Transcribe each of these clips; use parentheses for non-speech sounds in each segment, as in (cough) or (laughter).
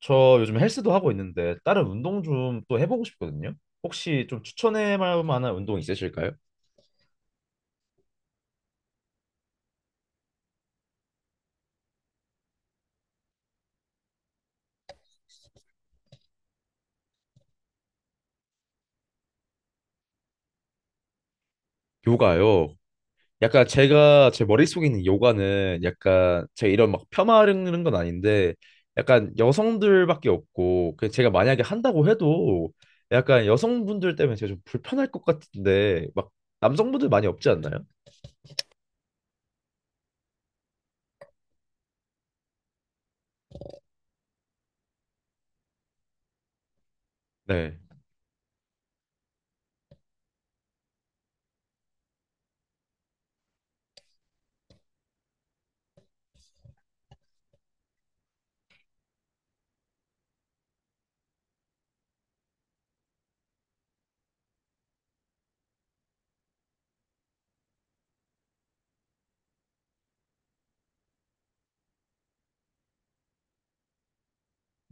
저 요즘 헬스도 하고 있는데 다른 운동 좀 또 해보고 싶거든요. 혹시 좀 추천해 볼 만한 운동 있으실까요? 요가요. 약간 제가 제 머릿속에 있는 요가는, 약간 제가 이런 막 폄하하는 건 아닌데 약간 여성들밖에 없고, 그 제가 만약에 한다고 해도 약간 여성분들 때문에 제가 좀 불편할 것 같은데, 막 남성분들 많이 없지 않나요? 네.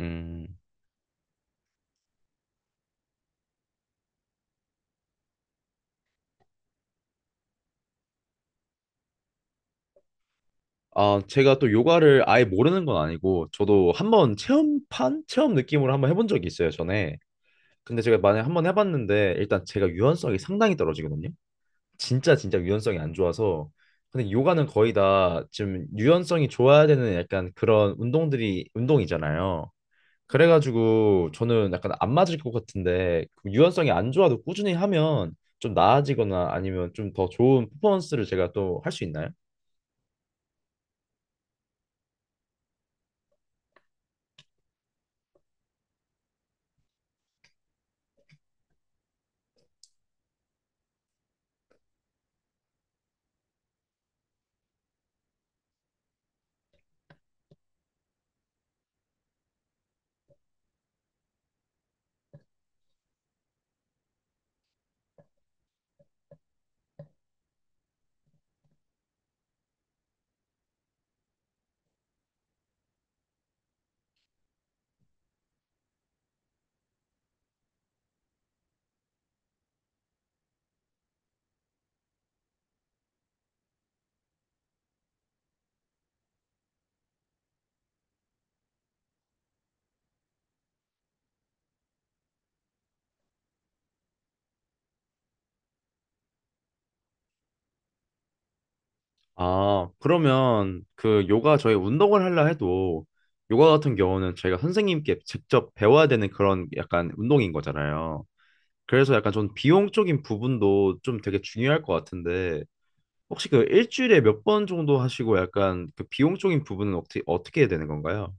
음. 아, 제가 또 요가를 아예 모르는 건 아니고, 저도 한번 체험판? 체험 느낌으로 한번 해본 적이 있어요, 전에. 근데 제가 만약에 한번 해봤는데, 일단 제가 유연성이 상당히 떨어지거든요. 진짜 진짜 유연성이 안 좋아서. 근데 요가는 거의 다 지금 유연성이 좋아야 되는 약간 그런 운동이잖아요. 그래가지고 저는 약간 안 맞을 것 같은데, 그 유연성이 안 좋아도 꾸준히 하면 좀 나아지거나 아니면 좀 더 좋은 퍼포먼스를 제가 또 할 수 있나요? 아, 그러면 그 요가, 저희 운동을 하려 해도 요가 같은 경우는 저희가 선생님께 직접 배워야 되는 그런 약간 운동인 거잖아요. 그래서 약간 전 비용적인 부분도 좀 되게 중요할 것 같은데, 혹시 그 일주일에 몇 번 정도 하시고, 약간 그 비용적인 부분은 어떻게 어떻게 되는 건가요?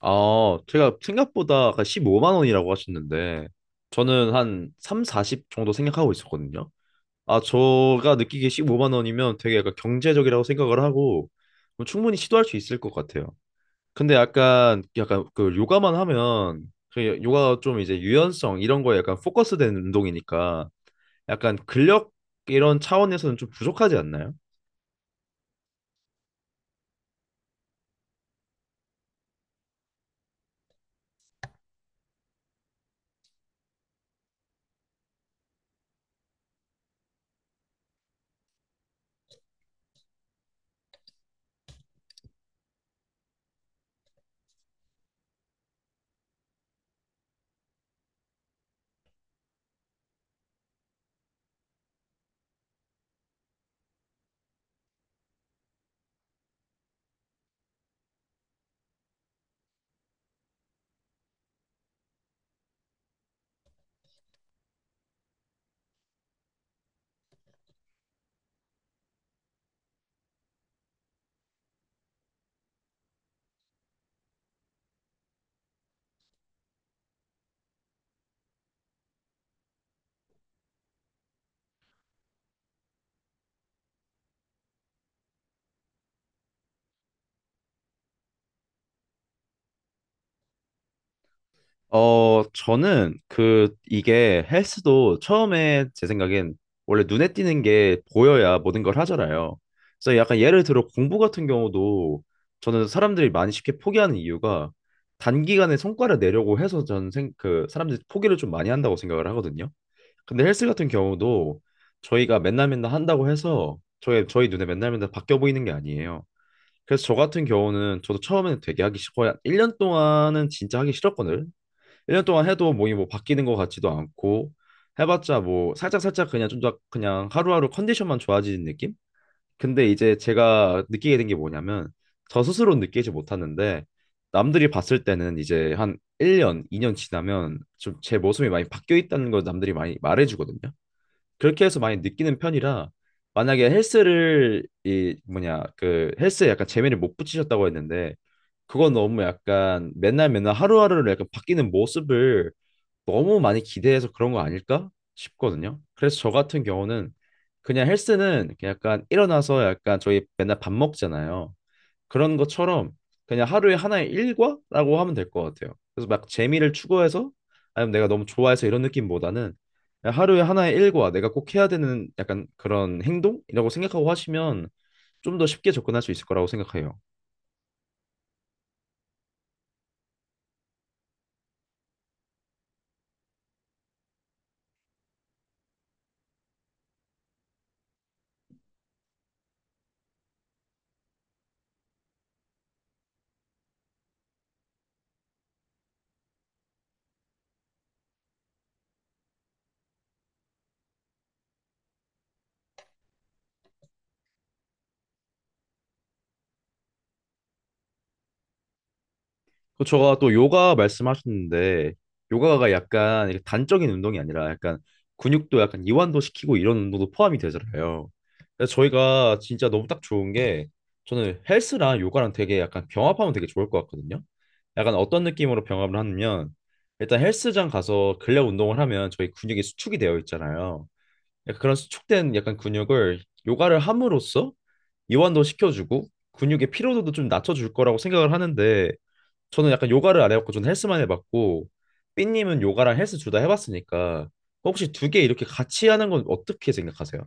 아, 제가 생각보다, 아 15만 원이라고 하셨는데 저는 한 3, 40 정도 생각하고 있었거든요. 아, 제가 느끼기에 15만 원이면 되게 약간 경제적이라고 생각을 하고, 뭐 충분히 시도할 수 있을 것 같아요. 근데 약간 그 요가만 하면, 그 요가가 좀 이제 유연성 이런 거에 약간 포커스된 운동이니까, 약간 근력 이런 차원에서는 좀 부족하지 않나요? 저는 그 이게 헬스도, 처음에 제 생각엔 원래 눈에 띄는 게 보여야 모든 걸 하잖아요. 그래서 약간 예를 들어 공부 같은 경우도, 저는 사람들이 많이 쉽게 포기하는 이유가 단기간에 성과를 내려고 해서, 저는 그 사람들이 포기를 좀 많이 한다고 생각을 하거든요. 근데 헬스 같은 경우도, 저희가 맨날 맨날 한다고 해서 저희 눈에 맨날 맨날 바뀌어 보이는 게 아니에요. 그래서 저 같은 경우는, 저도 처음에는 되게 하기 싫고, 한 1년 동안은 진짜 하기 싫었거든요. 1년 동안 해도 몸이 뭐 바뀌는 것 같지도 않고, 해봤자 뭐 살짝살짝 그냥 좀 더, 그냥 하루하루 컨디션만 좋아지는 느낌? 근데 이제 제가 느끼게 된 게 뭐냐면, 저 스스로 느끼지 못하는데 남들이 봤을 때는, 이제 한 1년, 2년 지나면 좀 제 모습이 많이 바뀌어 있다는 걸 남들이 많이 말해주거든요. 그렇게 해서 많이 느끼는 편이라, 만약에 헬스를 이 뭐냐 그 헬스에 약간 재미를 못 붙이셨다고 했는데, 그건 너무 약간 맨날 맨날 하루하루를 약간 바뀌는 모습을 너무 많이 기대해서 그런 거 아닐까 싶거든요. 그래서 저 같은 경우는, 그냥 헬스는 그냥 약간 일어나서, 약간 저희 맨날 밥 먹잖아요. 그런 것처럼 그냥 하루에 하나의 일과라고 하면 될 것 같아요. 그래서 막 재미를 추구해서, 아니면 내가 너무 좋아해서 이런 느낌보다는, 그냥 하루에 하나의 일과, 내가 꼭 해야 되는 약간 그런 행동이라고 생각하고 하시면 좀 더 쉽게 접근할 수 있을 거라고 생각해요. 그 제가 또 요가 말씀하셨는데, 요가가 약간 이렇게 단적인 운동이 아니라, 약간 근육도 약간 이완도 시키고 이런 운동도 포함이 되잖아요. 그래서 저희가 진짜 너무 딱 좋은 게, 저는 헬스랑 요가랑 되게 약간 병합하면 되게 좋을 것 같거든요. 약간 어떤 느낌으로 병합을 하냐면, 일단 헬스장 가서 근력 운동을 하면 저희 근육이 수축이 되어 있잖아요. 약간 그런 수축된 약간 근육을 요가를 함으로써 이완도 시켜주고, 근육의 피로도도 좀 낮춰줄 거라고 생각을 하는데, 저는 약간 요가를 안 해봤고 저는 헬스만 해봤고, 삐님은 요가랑 헬스 둘 다 해봤으니까, 혹시 두 개 이렇게 같이 하는 건 어떻게 생각하세요?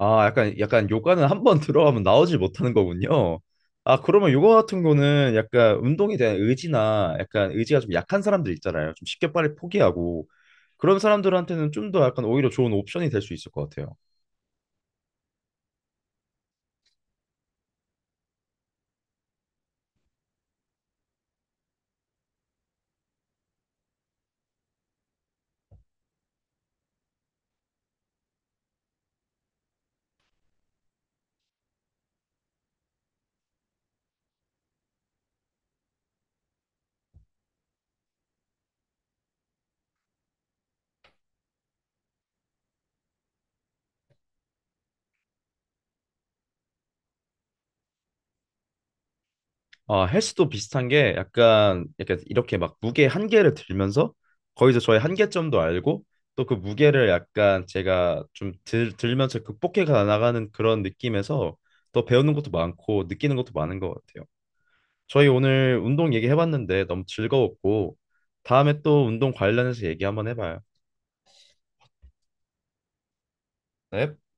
아, 약간 요가는 한 번 (laughs) 들어가면 나오질 못하는 거군요. 아, 그러면 요가 같은 거는 약간 운동에 대한 의지나 약간 의지가 좀 약한 사람들 있잖아요. 좀 쉽게 빨리 포기하고 그런 사람들한테는 좀 더 약간 오히려 좋은 옵션이 될 수 있을 것 같아요. 헬스도 비슷한 게, 약간 이렇게 막 무게 한계를 들면서 거기서 저의 한계점도 알고, 또 그 무게를 약간 제가 좀 들면서 극복해 가 나가는 그런 느낌에서 더 배우는 것도 많고 느끼는 것도 많은 것 같아요. 저희 오늘 운동 얘기해봤는데 너무 즐거웠고, 다음에 또 운동 관련해서 얘기 한번 해봐요. 네.